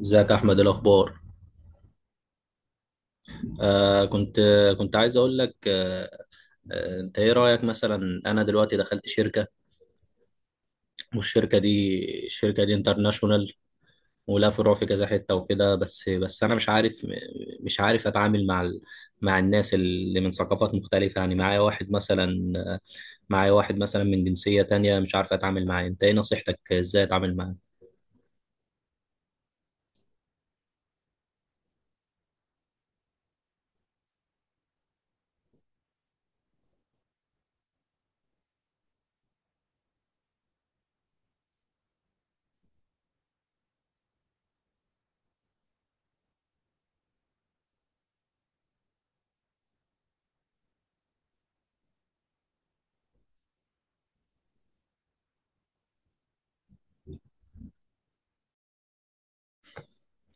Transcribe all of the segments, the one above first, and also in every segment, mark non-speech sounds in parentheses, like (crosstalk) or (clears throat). ازيك يا احمد؟ إيه الاخبار؟ آه كنت كنت عايز اقول لك. انت ايه رايك مثلا؟ انا دلوقتي دخلت شركه، والشركه دي الشركه دي انترناشونال، ولها فروع في كذا حته وكده. بس انا مش عارف اتعامل مع الناس اللي من ثقافات مختلفه. يعني معايا واحد مثلا من جنسيه تانية، مش عارف اتعامل معاه. انت ايه نصيحتك؟ ازاي اتعامل معاه؟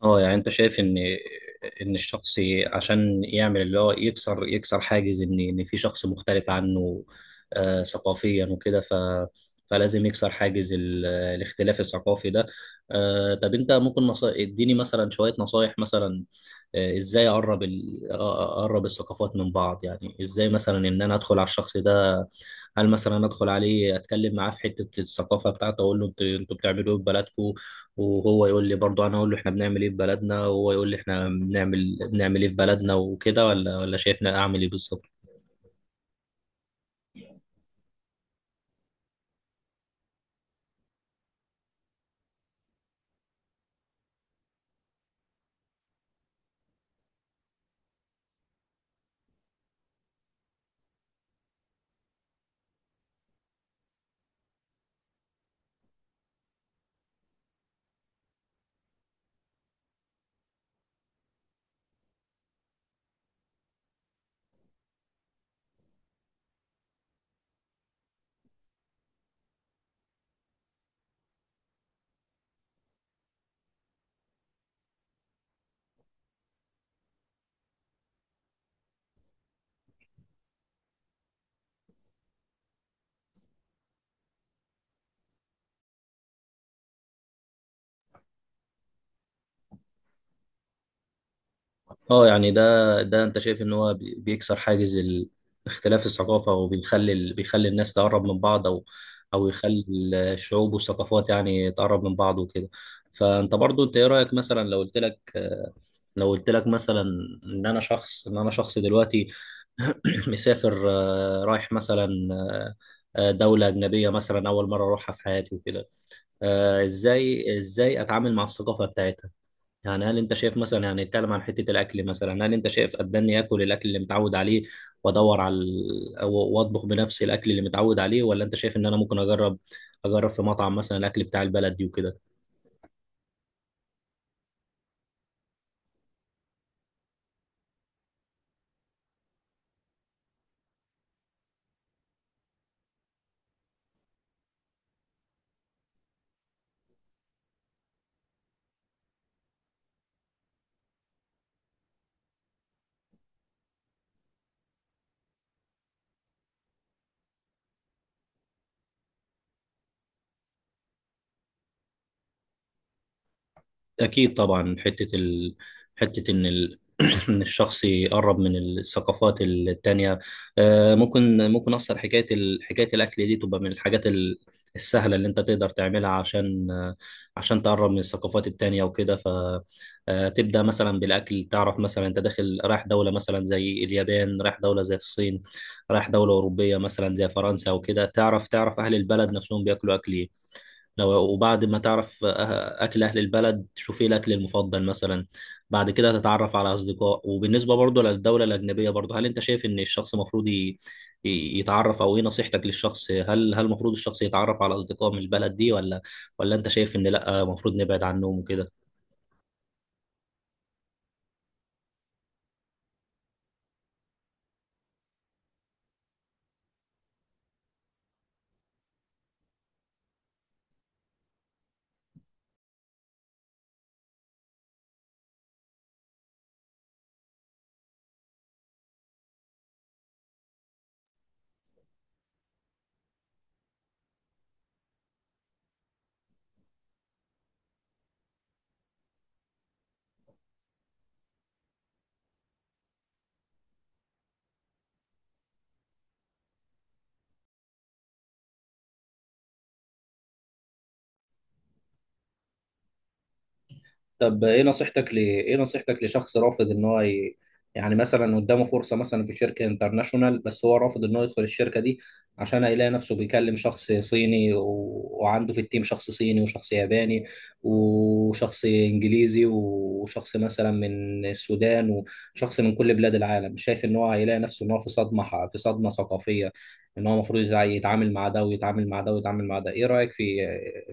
اه، يعني انت شايف ان الشخص، عشان يعمل اللي هو يكسر حاجز ان في شخص مختلف عنه ثقافيا وكده، فلازم يكسر حاجز الاختلاف الثقافي ده. طب انت ممكن اديني مثلا شوية نصايح مثلا. ازاي اقرب الثقافات من بعض؟ يعني ازاي مثلا ان انا ادخل على الشخص ده؟ هل مثلا ادخل عليه اتكلم معاه في حته الثقافه بتاعته، اقول له انتوا بتعملوا ايه في بلدكم؟ وهو يقول لي، برضه انا اقول له احنا بنعمل ايه في بلدنا، وهو يقول لي احنا بنعمل ايه في بلدنا وكده. ولا شايفنا اعمل ايه بالظبط؟ اه، يعني ده انت شايف ان هو بيكسر حاجز اختلاف الثقافة، وبيخلي بيخلي الناس تقرب من بعض، او يخلي الشعوب والثقافات، يعني، تقرب من بعض وكده. فانت برضو، انت ايه رأيك؟ مثلا لو قلت لك مثلا ان انا شخص دلوقتي، (clears throat) مسافر، رايح مثلا، دولة أجنبية مثلا، أول مرة أروحها في حياتي وكده. إزاي أتعامل مع الثقافة بتاعتها؟ يعني هل انت شايف مثلا، يعني، نتكلم عن حته الاكل مثلا. هل انت شايف قدرني اكل الاكل اللي متعود عليه وادور على واطبخ بنفسي الاكل اللي متعود عليه، ولا انت شايف ان انا ممكن اجرب في مطعم مثلا الاكل بتاع البلد دي وكده؟ أكيد طبعا. حتة ال... حتة إن ال... (clears throat) إن الشخص يقرب من الثقافات التانية. ممكن أصلا حكاية الأكل دي تبقى من الحاجات السهلة اللي أنت تقدر تعملها عشان تقرب من الثقافات التانية وكده. فتبدأ مثلا بالأكل، تعرف مثلا أنت داخل رايح دولة مثلا زي اليابان، رايح دولة زي الصين، رايح دولة أوروبية مثلا زي فرنسا وكده. تعرف أهل البلد نفسهم بياكلوا أكل إيه. وبعد ما تعرف أكل أهل البلد، تشوف إيه الأكل المفضل مثلا. بعد كده تتعرف على أصدقاء. وبالنسبة برضه للدولة الأجنبية، برضه هل أنت شايف إن الشخص المفروض يتعرف، أو إيه نصيحتك للشخص؟ هل المفروض الشخص يتعرف على أصدقاء من البلد دي، ولا أنت شايف إن لأ المفروض نبعد عنهم وكده؟ طب ايه نصيحتك لشخص رافض ان هو يعني مثلا قدامه فرصة مثلا في شركة انترناشونال، بس هو رافض ان هو يدخل الشركة دي عشان هيلاقي نفسه بيكلم شخص صيني وعنده في التيم شخص صيني وشخص ياباني وشخص انجليزي وشخص مثلا من السودان وشخص من كل بلاد العالم. شايف ان هو هيلاقي نفسه ان هو في صدمة ثقافية، ان هو المفروض يتعامل مع ده ويتعامل مع ده ويتعامل مع ده. ايه رأيك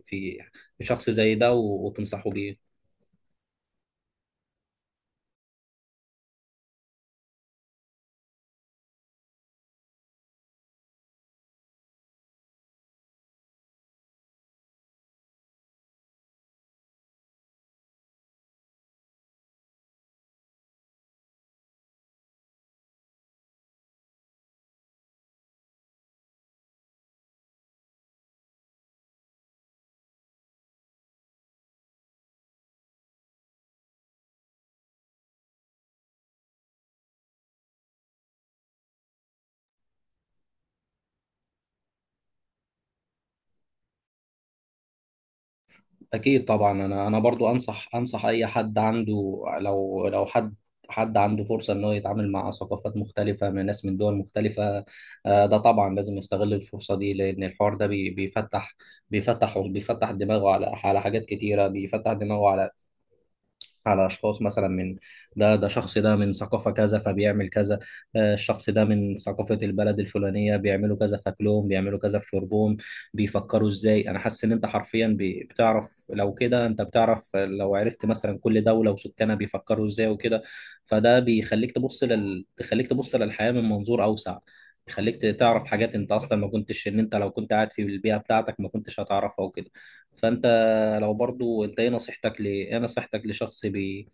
في في شخص زي ده وتنصحه بيه؟ اكيد طبعا. انا برضو انصح اي حد عنده، لو حد عنده فرصه انه يتعامل مع ثقافات مختلفه من ناس من دول مختلفه. ده طبعا لازم يستغل الفرصه دي، لان الحوار ده بيفتح دماغه على حاجات كتيره، بيفتح دماغه على أشخاص مثلا من... ده شخص ده من ثقافة كذا فبيعمل كذا. الشخص ده من ثقافة البلد الفلانية بيعملوا كذا في أكلهم، بيعملوا كذا في شربهم، بيفكروا إزاي. أنا حاسس إن أنت حرفيا بتعرف لو كده. أنت بتعرف لو عرفت مثلا كل دولة وسكانها بيفكروا إزاي وكده. فده تخليك تبص للحياة من منظور أوسع، يخليك تعرف حاجات انت اصلا ما كنتش ان انت لو كنت قاعد في البيئه بتاعتك ما كنتش هتعرفها وكده. فانت، لو برضو انت ايه نصيحتك ل ايه نصيحتك لشخص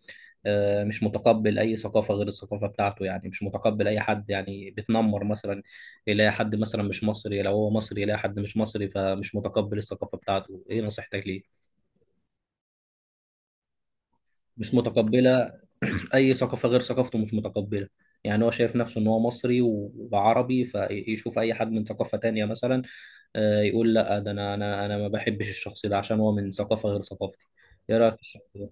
مش متقبل اي ثقافه غير الثقافه بتاعته، يعني مش متقبل اي حد، يعني بتنمر مثلا. يلاقي حد مثلا مش مصري، لو هو مصري يلاقي حد مش مصري فمش متقبل الثقافه بتاعته. ايه نصيحتك ليه؟ مش متقبله. (clears throat) اي ثقافه غير ثقافته مش متقبله. يعني هو شايف نفسه ان هو مصري وعربي، فيشوف اي حد من ثقافه تانية مثلا، يقول لا، ده انا ما بحبش الشخص ده عشان هو من ثقافه غير ثقافتي. ايه رايك في الشخص ده؟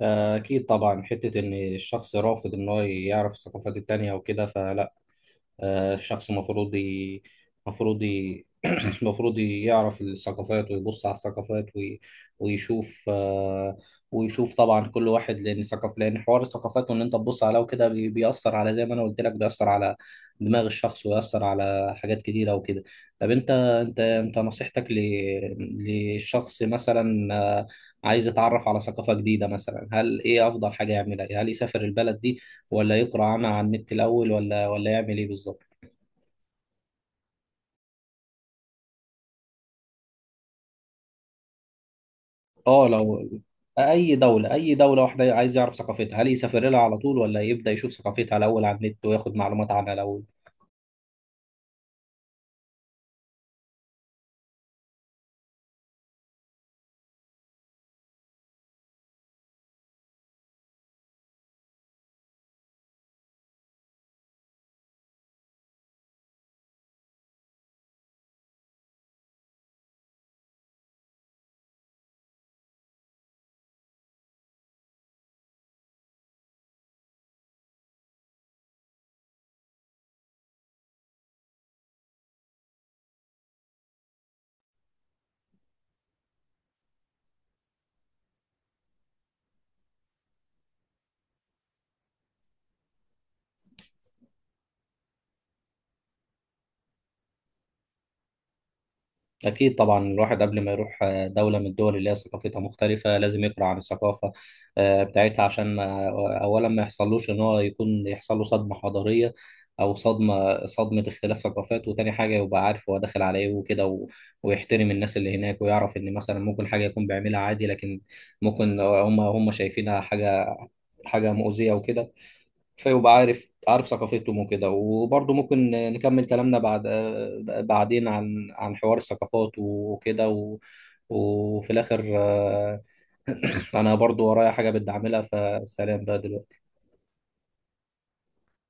أكيد طبعا، حتة إن الشخص رافض إن هو يعرف الثقافات التانية وكده فلا. الشخص المفروض المفروض ي... (clears throat) المفروض يعرف الثقافات، ويبص على الثقافات ويشوف طبعا كل واحد، لان حوار الثقافات وان انت تبص عليها وكده بيأثر على، زي ما انا قلت لك، بيأثر على دماغ الشخص ويأثر على حاجات كتيرة وكده. طب انت نصيحتك للشخص مثلا، عايز يتعرف على ثقافة جديدة مثلا، هل ايه افضل حاجة يعملها؟ هل يسافر البلد دي، ولا يقرأ عنها على النت الأول، ولا يعمل إيه بالظبط؟ اه، أي دولة واحدة عايز يعرف ثقافتها، هل يسافر لها على طول، ولا يبدأ يشوف ثقافتها الأول على النت وياخد معلومات عنها الأول؟ أكيد طبعا، الواحد قبل ما يروح دولة من الدول اللي هي ثقافتها مختلفة لازم يقرأ عن الثقافة بتاعتها، عشان ما أولا ما يحصلوش إن هو يحصل له صدمة حضارية، أو صدمة اختلاف ثقافات. وتاني حاجة يبقى عارف هو داخل على إيه وكده ويحترم الناس اللي هناك، ويعرف إن مثلا ممكن حاجة يكون بيعملها عادي، لكن ممكن هم شايفينها حاجة مؤذية وكده. فيبقى عارف ثقافتهم وكده. وبرضه ممكن نكمل كلامنا بعدين عن حوار الثقافات وكده وفي الآخر، أنا برضه ورايا حاجة بدي أعملها. فسلام بقى دلوقتي.